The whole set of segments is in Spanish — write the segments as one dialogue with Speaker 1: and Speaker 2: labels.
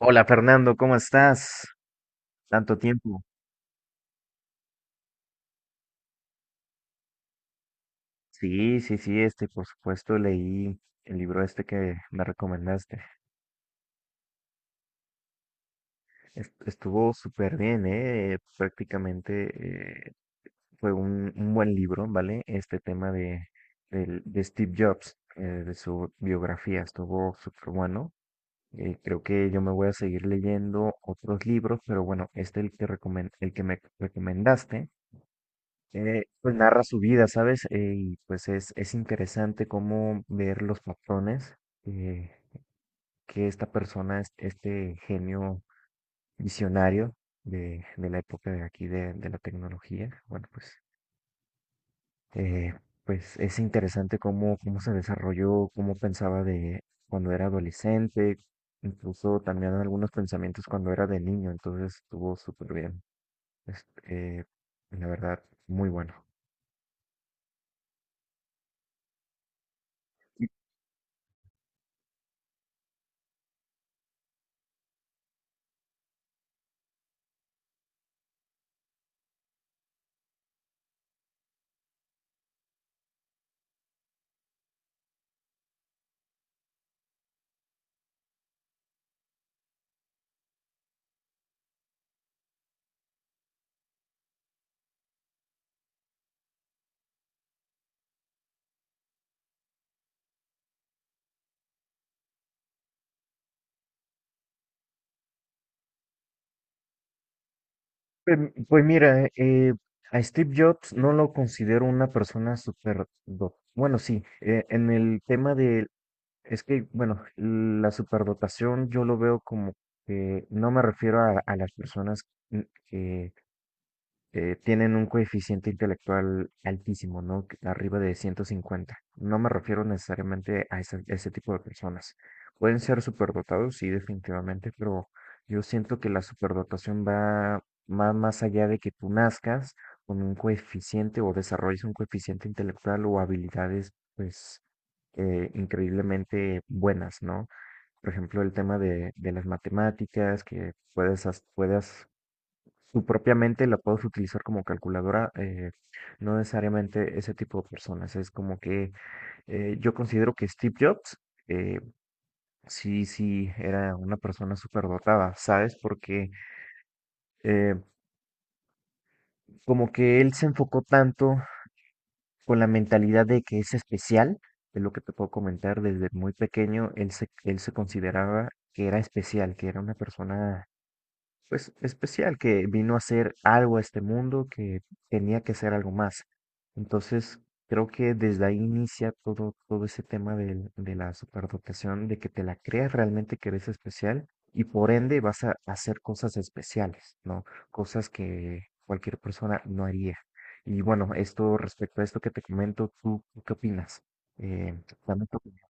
Speaker 1: Hola Fernando, ¿cómo estás? Tanto tiempo. Sí, sí, sí, por supuesto, leí el libro este que me recomendaste. Estuvo súper bien, ¿eh? Prácticamente fue un buen libro, ¿vale? Este tema de Steve Jobs, de su biografía, estuvo súper bueno. Creo que yo me voy a seguir leyendo otros libros, pero bueno, este es el que el que me recomendaste. Pues narra su vida, ¿sabes? Y pues es interesante cómo ver los patrones eh, que esta persona, este genio visionario de la época de aquí de la tecnología, bueno, pues, eh, pues es interesante cómo se desarrolló, cómo pensaba de cuando era adolescente, incluso también algunos pensamientos cuando era de niño, entonces estuvo súper bien. Este, la verdad, muy bueno. Pues, pues mira, a Steve Jobs no lo considero una persona super... Bueno, sí, en el tema de... Es que, bueno, la superdotación yo lo veo como que no me refiero a las personas mm, que tienen un coeficiente intelectual altísimo, ¿no? Que- Arriba de 150. No me refiero necesariamente a ese, ese tipo de personas. Pueden ser superdotados, sí, definitivamente, pero yo siento que la superdotación va más, más allá de que tú nazcas con un coeficiente o desarrolles un coeficiente intelectual o habilidades, pues, increíblemente buenas, ¿no? Por ejemplo, el tema de las matemáticas, que puedas su propia mente la puedes utilizar como calculadora, no necesariamente ese tipo de personas. Es como que yo considero que Steve Jobs eh, sí, sí era una persona súper dotada, ¿sabes? Porque eh, como que él se enfocó tanto con la mentalidad de que es especial, es lo que te puedo comentar, desde muy pequeño él se consideraba que era especial, que era una persona pues especial, que vino a hacer algo a este mundo, que tenía que hacer algo más. Entonces, creo que desde ahí inicia todo, todo ese tema de la superdotación, de que te la creas realmente que eres especial y por ende vas a hacer cosas especiales, ¿no? Cosas que cualquier persona no haría. Y bueno, esto respecto a esto que te comento, ¿tú qué opinas? Eh, Dame tu opinión.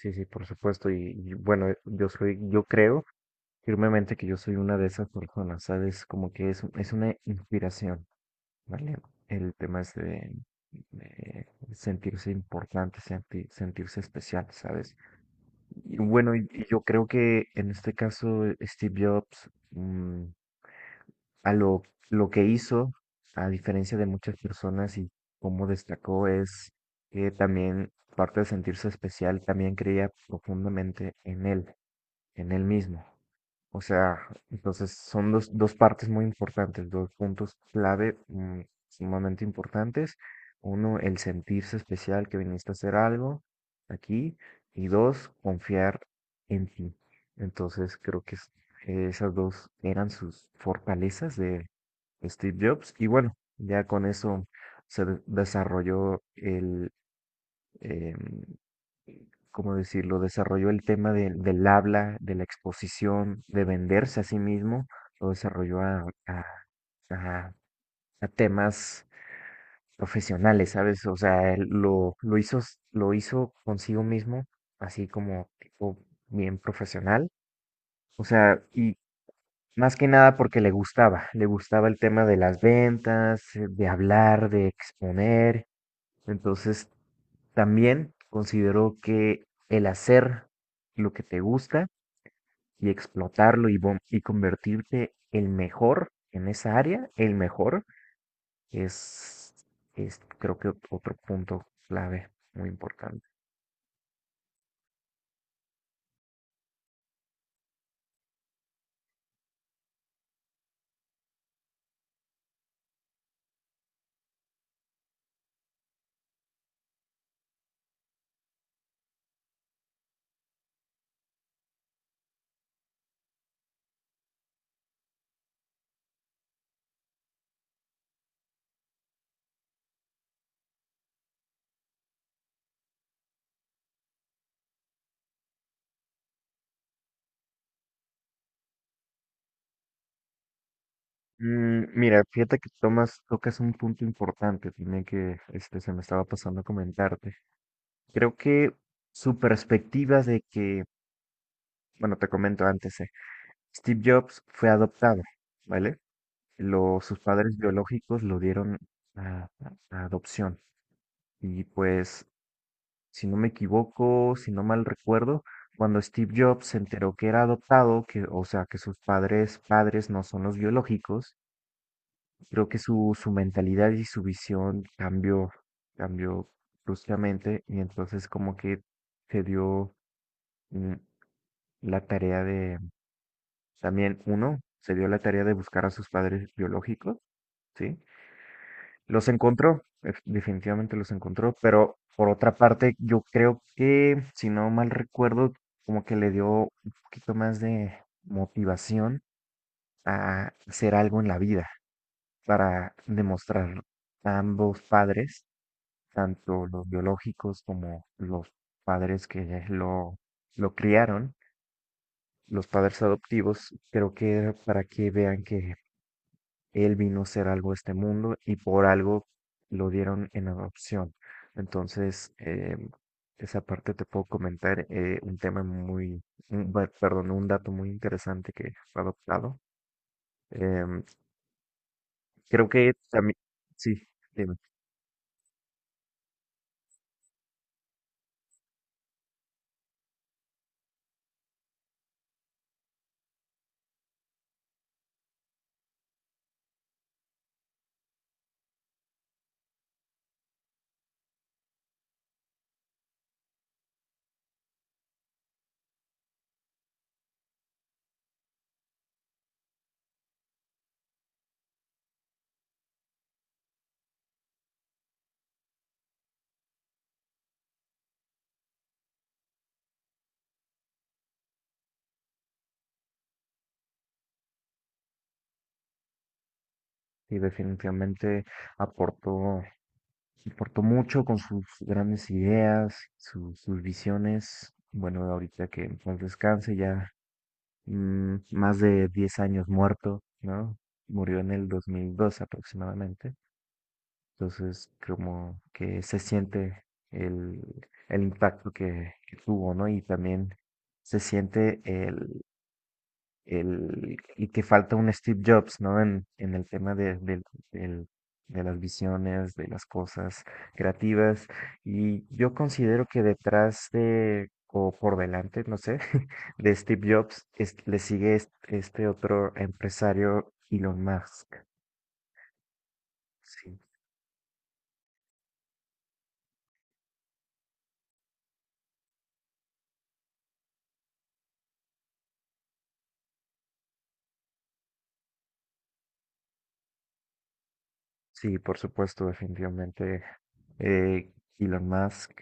Speaker 1: Sí, sí, por supuesto. Y bueno, yo creo firmemente que yo soy una de esas personas, ¿sabes? Como que es una inspiración, ¿vale? El tema es de sentirse importante, sentirse especial, ¿sabes? Y bueno, y yo creo que en este caso Steve Jobs, a lo, lo que hizo, a diferencia de muchas personas y cómo destacó, es que también, aparte de sentirse especial, también creía profundamente en él mismo. O sea, entonces son dos partes muy importantes, dos puntos clave sumamente importantes. Uno, el sentirse especial que viniste a hacer algo aquí. Y dos, confiar en ti. Entonces, creo que esas dos eran sus fortalezas de Steve Jobs. Y bueno, ya con eso desarrolló el, em, ¿cómo decirlo? Desarrolló el tema del del habla, de la exposición, de venderse a sí mismo, lo desarrolló a- a temas profesionales, ¿sabes? O sea, lo hizo, lo hizo consigo mismo, así como tipo bien profesional. O sea, y más que nada porque le gustaba el tema de las ventas, de hablar, de exponer. Entonces, también consideró que el hacer lo que te gusta, y explotarlo y convertirte el mejor en esa área, el mejor, es, es creo que otro punto clave muy importante. Mira, fíjate que tocas un punto importante tiene que este, se me estaba pasando a comentarte. Creo que su perspectiva de que, bueno, te comento antes, Steve Jobs fue adoptado, ¿vale? Sus padres biológicos lo dieron a adopción y pues si no me equivoco, si no mal recuerdo, cuando Steve Jobs se enteró que era adoptado, que, o sea, que padres no son los biológicos, creo que su mentalidad y su visión cambió, cambió bruscamente y entonces como que se dio mm, la tarea de, también uno, se dio la tarea de buscar a sus padres biológicos, ¿sí? Los encontró, definitivamente los encontró, pero por otra parte, yo creo que, si no mal recuerdo, como que le dio un poquito más de motivación a hacer algo en la vida para demostrar a ambos padres, tanto los biológicos como los padres que lo criaron, los padres adoptivos, creo que era para que vean que él vino a ser algo de este mundo y por algo lo dieron en adopción. Entonces, esa parte te puedo comentar un tema muy, un dato muy interesante que fue adoptado. Em, Creo que también, sí, dime, sí, definitivamente aportó, aportó mucho con sus grandes ideas, sus visiones. Bueno, ahorita que en paz descanse, ya más de 10 años muerto, ¿no? Murió en el 2002 aproximadamente. Entonces, como que se siente el, el impacto que tuvo, ¿no? Y también se siente y que falta un Steve Jobs, ¿no? En el tema del- de las visiones, de las cosas creativas. Y yo considero que detrás de, o por delante, no sé, de Steve Jobs le sigue otro empresario, Elon Musk. Sí. Sí, por supuesto, definitivamente. Elon Musk,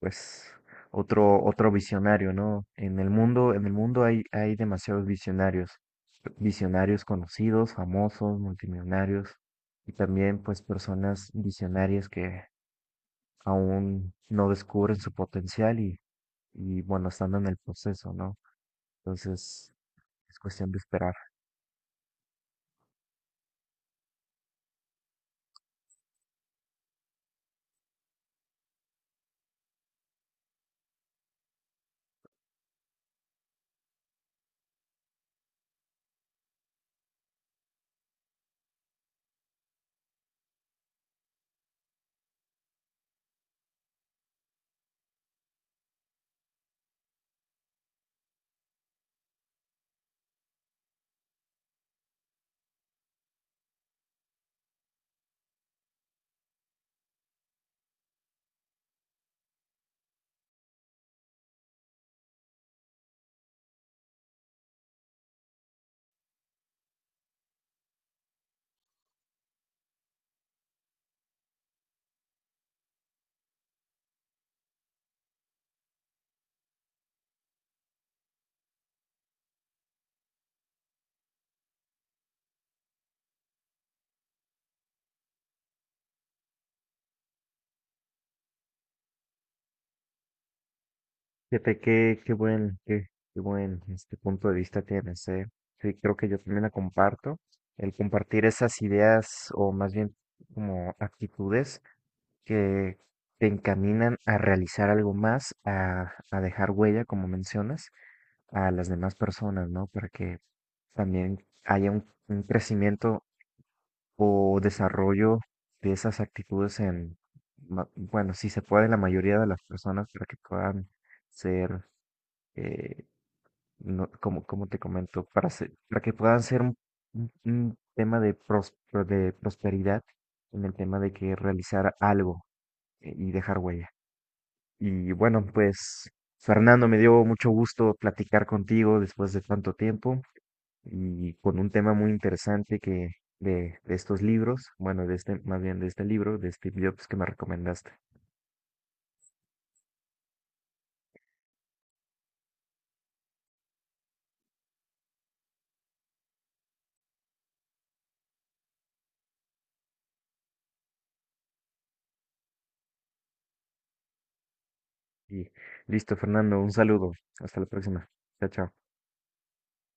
Speaker 1: pues otro visionario, ¿no? En el mundo hay, hay demasiados visionarios, visionarios conocidos, famosos, multimillonarios, y también pues personas visionarias que aún no descubren su potencial y bueno, están en el proceso, ¿no? Entonces, es cuestión de esperar. Fíjate qué buen este punto de vista tienes, ¿eh? Sí, creo que yo también la comparto. El compartir esas ideas o más bien como actitudes que te encaminan a realizar algo más, a dejar huella, como mencionas, a las demás personas, ¿no? Para que también haya un crecimiento o desarrollo de esas actitudes en, bueno, si se puede, la mayoría de las personas para que puedan ser eh, no, como, como te comento, para que puedan ser un tema de prosperidad en el tema de que realizar algo y dejar huella. Y bueno, pues Fernando, me dio mucho gusto platicar contigo después de tanto tiempo y con un tema muy interesante que de estos libros, bueno, de este, más bien de este libro, de Steve Jobs que me recomendaste. Y listo, Fernando, un saludo. Hasta la próxima. Chao, chao.